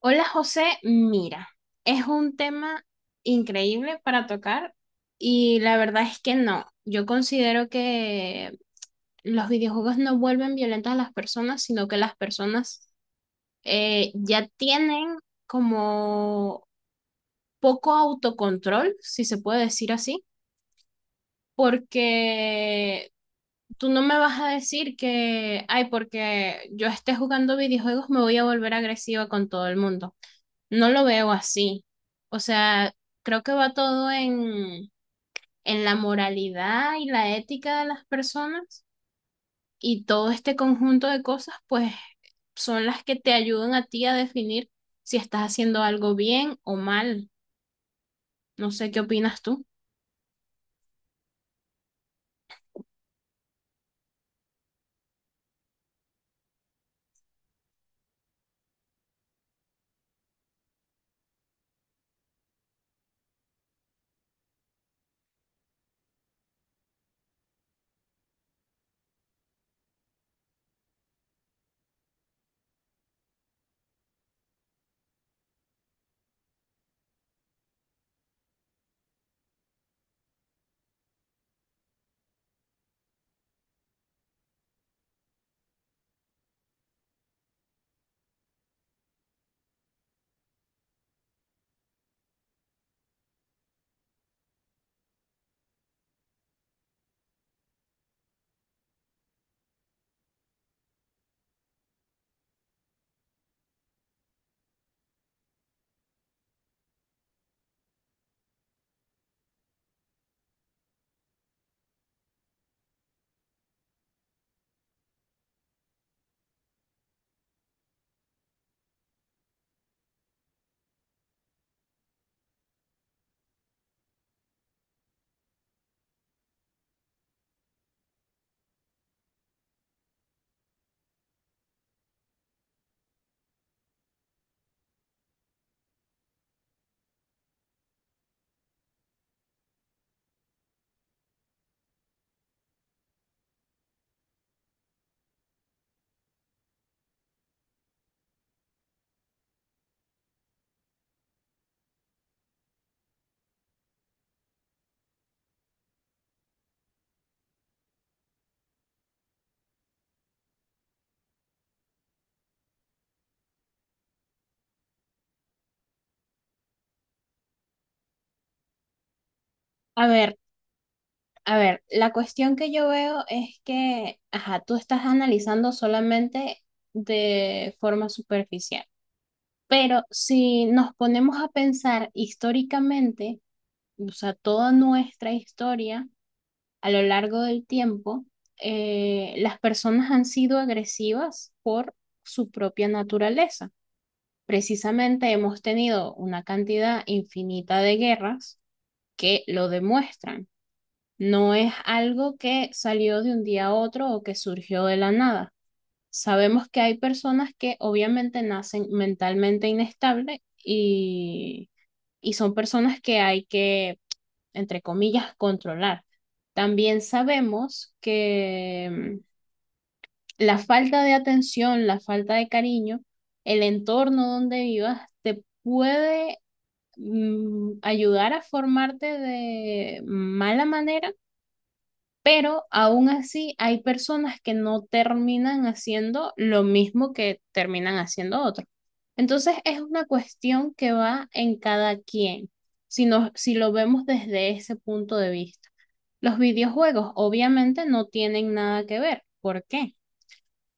Hola José, mira, es un tema increíble para tocar y la verdad es que no, yo considero que los videojuegos no vuelven violentas a las personas, sino que las personas ya tienen como poco autocontrol, si se puede decir así, porque tú no me vas a decir que, ay, porque yo esté jugando videojuegos me voy a volver agresiva con todo el mundo. No lo veo así. O sea, creo que va todo en la moralidad y la ética de las personas y todo este conjunto de cosas, pues son las que te ayudan a ti a definir si estás haciendo algo bien o mal. No sé qué opinas tú. A ver, a ver, la cuestión que yo veo es que, ajá, tú estás analizando solamente de forma superficial, pero si nos ponemos a pensar históricamente, o sea, toda nuestra historia a lo largo del tiempo, las personas han sido agresivas por su propia naturaleza. Precisamente hemos tenido una cantidad infinita de guerras que lo demuestran. No es algo que salió de un día a otro o que surgió de la nada. Sabemos que hay personas que obviamente nacen mentalmente inestables y son personas que hay que, entre comillas, controlar. También sabemos que la falta de atención, la falta de cariño, el entorno donde vivas te puede, ayudar a formarte de mala manera, pero aún así hay personas que no terminan haciendo lo mismo que terminan haciendo otros. Entonces es una cuestión que va en cada quien, si lo vemos desde ese punto de vista. Los videojuegos obviamente no tienen nada que ver. ¿Por qué?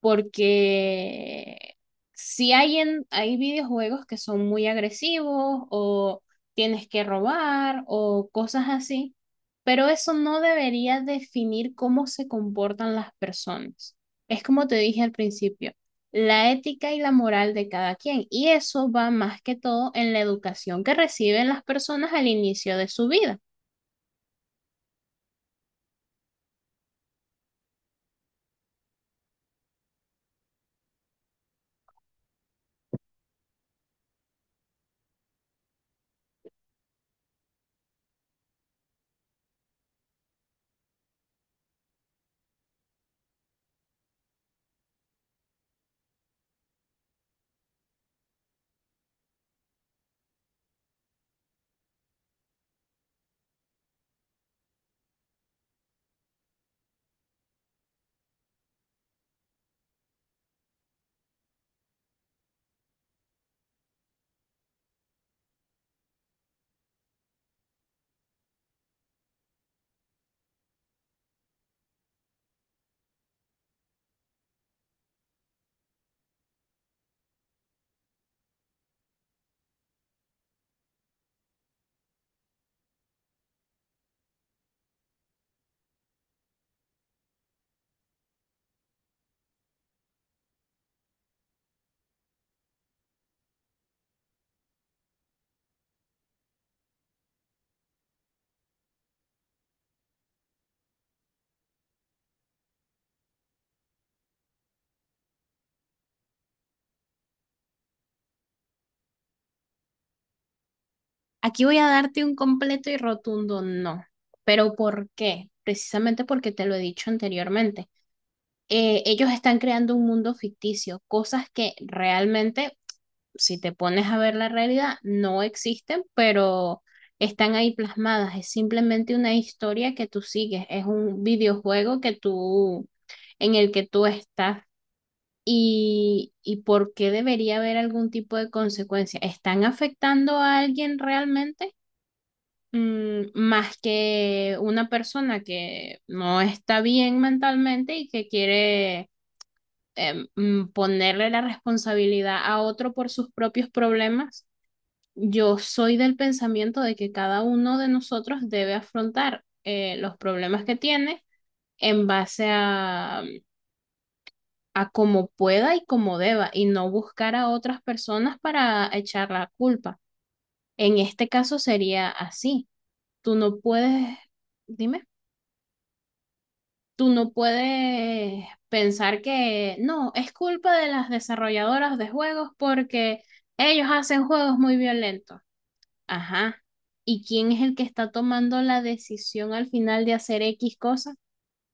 Porque si hay, en, hay videojuegos que son muy agresivos o tienes que robar o cosas así, pero eso no debería definir cómo se comportan las personas. Es como te dije al principio, la ética y la moral de cada quien, y eso va más que todo en la educación que reciben las personas al inicio de su vida. Aquí voy a darte un completo y rotundo no. ¿Pero por qué? Precisamente porque te lo he dicho anteriormente. Ellos están creando un mundo ficticio, cosas que realmente, si te pones a ver la realidad, no existen, pero están ahí plasmadas. Es simplemente una historia que tú sigues, es un videojuego que en el que tú estás. ¿Y por qué debería haber algún tipo de consecuencia? ¿Están afectando a alguien realmente? Mm, más que una persona que no está bien mentalmente y que quiere, ponerle la responsabilidad a otro por sus propios problemas, yo soy del pensamiento de que cada uno de nosotros debe afrontar los problemas que tiene en base a cómo pueda y cómo deba y no buscar a otras personas para echar la culpa. En este caso sería así. Tú no puedes, dime. Tú no puedes pensar que no, es culpa de las desarrolladoras de juegos porque ellos hacen juegos muy violentos. Ajá. ¿Y quién es el que está tomando la decisión al final de hacer X cosa?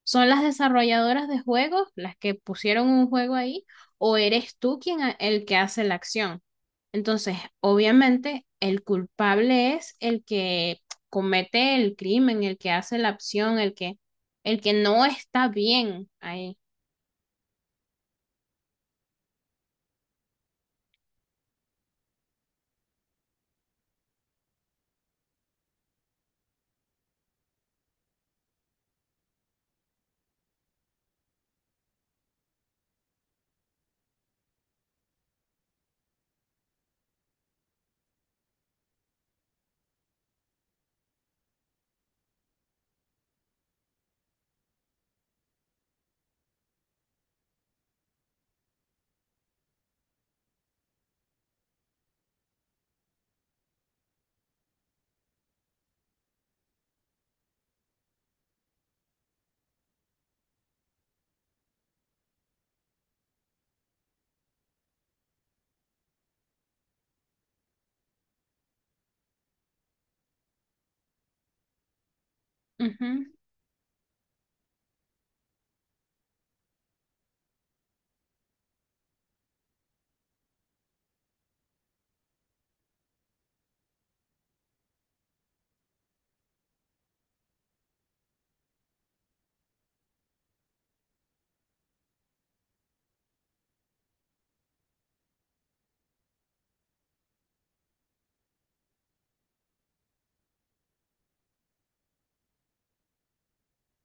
¿Son las desarrolladoras de juegos las que pusieron un juego ahí o eres tú quien el que hace la acción? Entonces, obviamente, el culpable es el que comete el crimen, el que hace la acción, el que no está bien ahí. Ujú.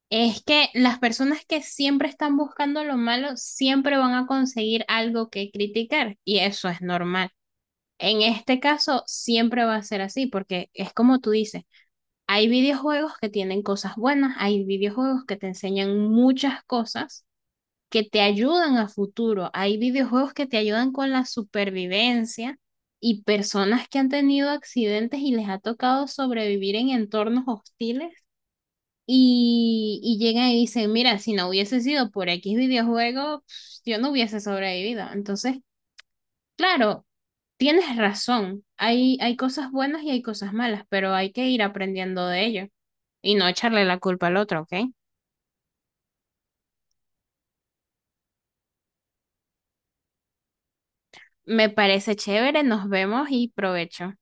Es que las personas que siempre están buscando lo malo siempre van a conseguir algo que criticar y eso es normal. En este caso, siempre va a ser así porque es como tú dices. Hay videojuegos que tienen cosas buenas, hay videojuegos que te enseñan muchas cosas que te ayudan a futuro, hay videojuegos que te ayudan con la supervivencia y personas que han tenido accidentes y les ha tocado sobrevivir en entornos hostiles y llegan y dicen, mira, si no hubiese sido por X videojuego, pf, yo no hubiese sobrevivido. Entonces, claro, tienes razón, hay cosas buenas y hay cosas malas, pero hay que ir aprendiendo de ello y no echarle la culpa al otro, ¿ok? Me parece chévere, nos vemos y provecho.